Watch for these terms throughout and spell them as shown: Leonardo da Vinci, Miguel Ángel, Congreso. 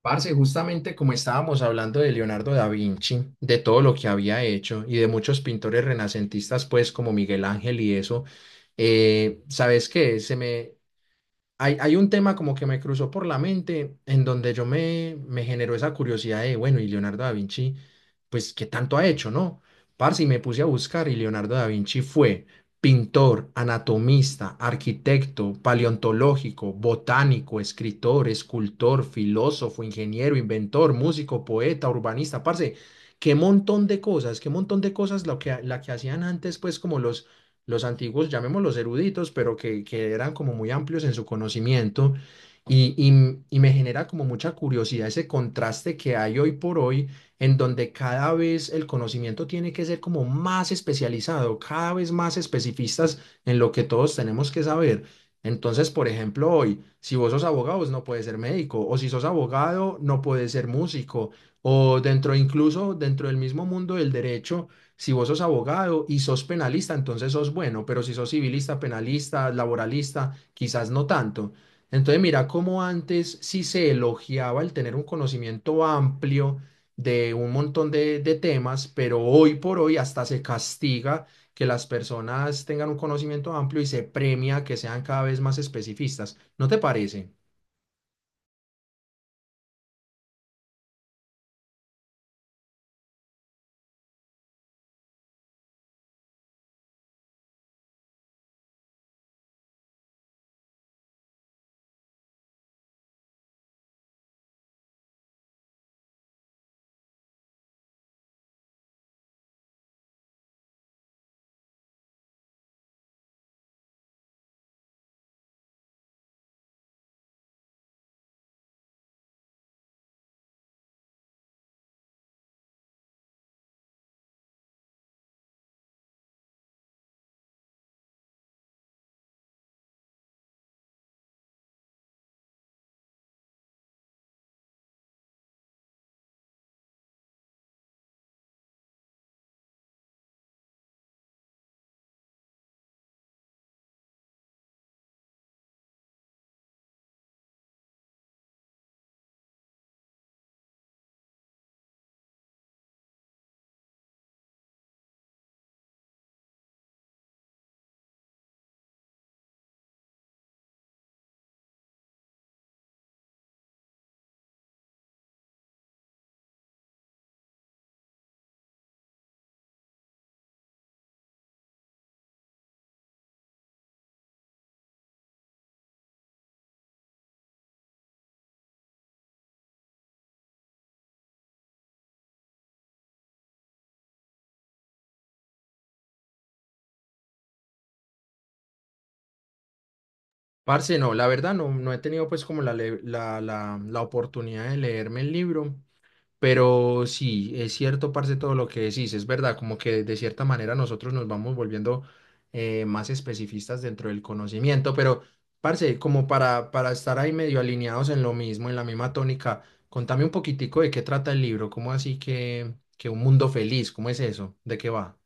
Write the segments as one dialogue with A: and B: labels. A: Parce, justamente como estábamos hablando de Leonardo da Vinci, de todo lo que había hecho y de muchos pintores renacentistas, pues como Miguel Ángel y eso, ¿sabes qué? Hay un tema como que me cruzó por la mente en donde yo me generó esa curiosidad de, bueno, y Leonardo da Vinci, pues, ¿qué tanto ha hecho, no? Parce, y me puse a buscar, y Leonardo da Vinci fue pintor, anatomista, arquitecto, paleontológico, botánico, escritor, escultor, filósofo, ingeniero, inventor, músico, poeta, urbanista, parce, qué montón de cosas, qué montón de cosas lo que, la que hacían antes, pues, como los antiguos, llamémoslos eruditos, pero que eran como muy amplios en su conocimiento. Y me genera como mucha curiosidad ese contraste que hay hoy por hoy, en donde cada vez el conocimiento tiene que ser como más especializado, cada vez más especificistas en lo que todos tenemos que saber. Entonces, por ejemplo, hoy, si vos sos abogado, vos no puedes ser médico, o si sos abogado, no puedes ser músico, o dentro, incluso dentro del mismo mundo del derecho, si vos sos abogado y sos penalista, entonces sos bueno, pero si sos civilista, penalista, laboralista, quizás no tanto. Entonces, mira cómo antes sí se elogiaba el tener un conocimiento amplio de un montón de temas, pero hoy por hoy hasta se castiga que las personas tengan un conocimiento amplio y se premia que sean cada vez más especificistas. ¿No te parece? Parce, no, la verdad no, no he tenido pues como la, le- la oportunidad de leerme el libro. Pero sí, es cierto, parce, todo lo que decís, es verdad, como que de cierta manera nosotros nos vamos volviendo, más especificistas dentro del conocimiento, pero parce, como para estar ahí medio alineados en lo mismo, en la misma tónica. Contame un poquitico de qué trata el libro, cómo así que un mundo feliz, ¿cómo es eso? ¿De qué va?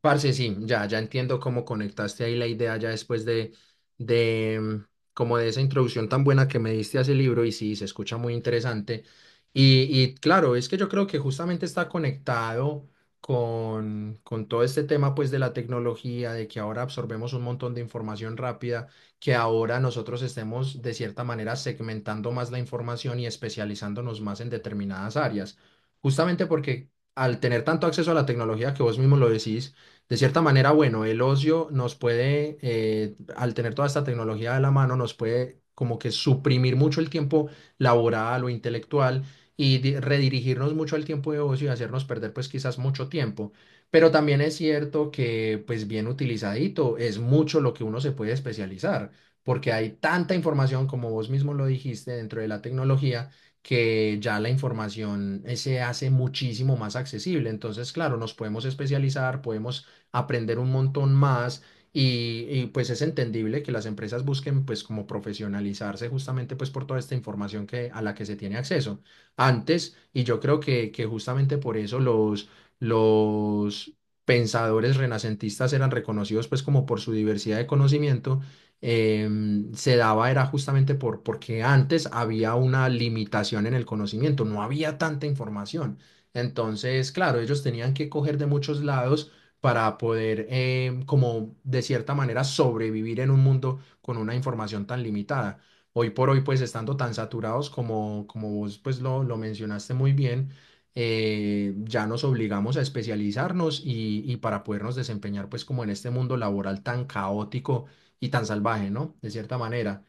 A: Parce, sí, ya entiendo cómo conectaste ahí la idea ya después de como de esa introducción tan buena que me diste a ese libro, y sí, se escucha muy interesante. Y claro, es que yo creo que justamente está conectado con todo este tema pues de la tecnología, de que ahora absorbemos un montón de información rápida, que ahora nosotros estemos de cierta manera segmentando más la información y especializándonos más en determinadas áreas, justamente porque al tener tanto acceso a la tecnología que vos mismo lo decís, de cierta manera, bueno, el ocio nos puede, al tener toda esta tecnología de la mano, nos puede como que suprimir mucho el tiempo laboral o intelectual, y redirigirnos mucho al tiempo de ocio y hacernos perder pues quizás mucho tiempo. Pero también es cierto que pues bien utilizadito es mucho lo que uno se puede especializar, porque hay tanta información, como vos mismo lo dijiste, dentro de la tecnología, que ya la información, se hace muchísimo más accesible. Entonces, claro, nos podemos especializar, podemos aprender un montón más, y pues es entendible que las empresas busquen pues como profesionalizarse justamente pues por toda esta información que, a la que se tiene acceso antes, y yo creo que justamente por eso los pensadores renacentistas eran reconocidos pues como por su diversidad de conocimiento, se daba era justamente porque antes había una limitación en el conocimiento, no había tanta información. Entonces, claro, ellos tenían que coger de muchos lados para poder, como de cierta manera, sobrevivir en un mundo con una información tan limitada. Hoy por hoy, pues estando tan saturados como, como vos pues lo mencionaste muy bien, ya nos obligamos a especializarnos, y para podernos desempeñar pues como en este mundo laboral tan caótico y tan salvaje, ¿no? De cierta manera.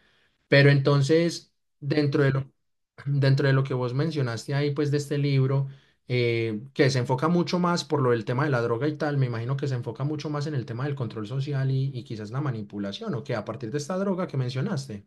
A: Pero entonces, dentro de lo, dentro de lo que vos mencionaste ahí, pues de este libro, que se enfoca mucho más por lo del tema de la droga y tal, me imagino que se enfoca mucho más en el tema del control social, y quizás la manipulación, o que a partir de esta droga que mencionaste.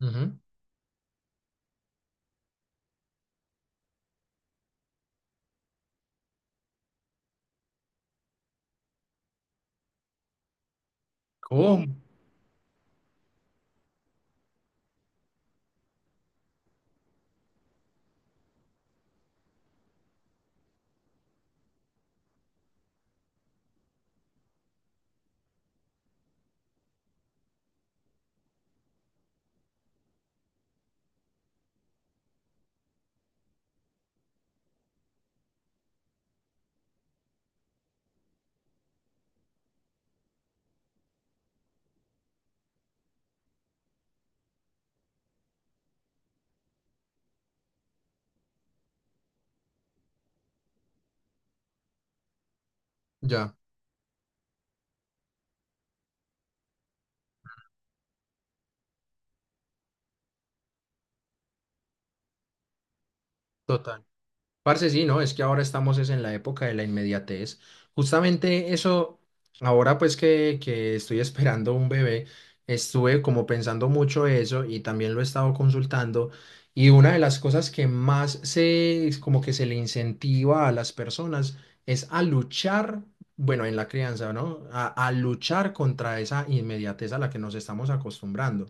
A: Ujú. Sí. ¿Cómo? Ya, total. Parce, sí, ¿no? Es que ahora estamos es en la época de la inmediatez. Justamente eso, ahora pues que estoy esperando un bebé, estuve como pensando mucho eso y también lo he estado consultando. Y una de las cosas que más se, como que se le incentiva a las personas es a luchar, bueno, en la crianza, ¿no? A luchar contra esa inmediatez a la que nos estamos acostumbrando.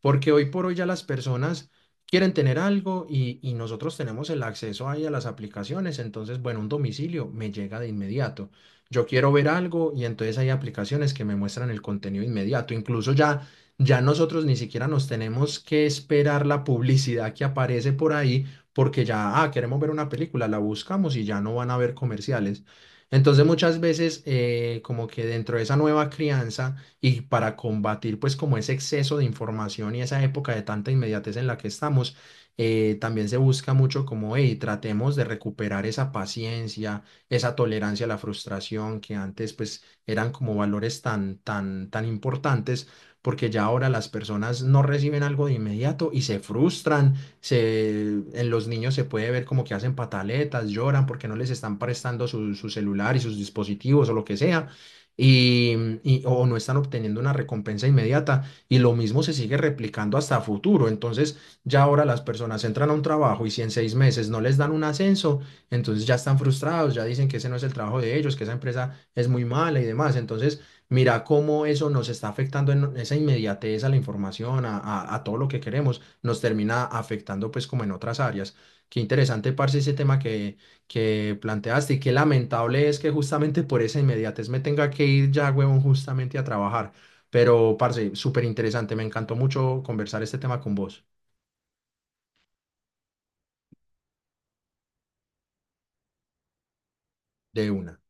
A: Porque hoy por hoy ya las personas quieren tener algo, y nosotros tenemos el acceso ahí a las aplicaciones, entonces, bueno, un domicilio me llega de inmediato. Yo quiero ver algo y entonces hay aplicaciones que me muestran el contenido inmediato. Incluso ya, ya nosotros ni siquiera nos tenemos que esperar la publicidad que aparece por ahí, porque ya, ah, queremos ver una película, la buscamos y ya no van a ver comerciales. Entonces muchas veces, como que dentro de esa nueva crianza y para combatir pues como ese exceso de información y esa época de tanta inmediatez en la que estamos, también se busca mucho como, hey, tratemos de recuperar esa paciencia, esa tolerancia a la frustración que antes pues eran como valores tan importantes. Porque ya ahora las personas no reciben algo de inmediato y se frustran, se, en los niños se puede ver como que hacen pataletas, lloran porque no les están prestando su celular y sus dispositivos o lo que sea, y, o no están obteniendo una recompensa inmediata, y lo mismo se sigue replicando hasta futuro. Entonces ya ahora las personas entran a un trabajo y si en 6 meses no les dan un ascenso, entonces ya están frustrados, ya dicen que ese no es el trabajo de ellos, que esa empresa es muy mala y demás. Entonces mira cómo eso nos está afectando en esa inmediatez a la información, a todo lo que queremos, nos termina afectando pues como en otras áreas. Qué interesante, parce, ese tema que planteaste, y qué lamentable es que justamente por esa inmediatez me tenga que ir ya, huevón, justamente a trabajar. Pero, parce, súper interesante, me encantó mucho conversar este tema con vos, de una.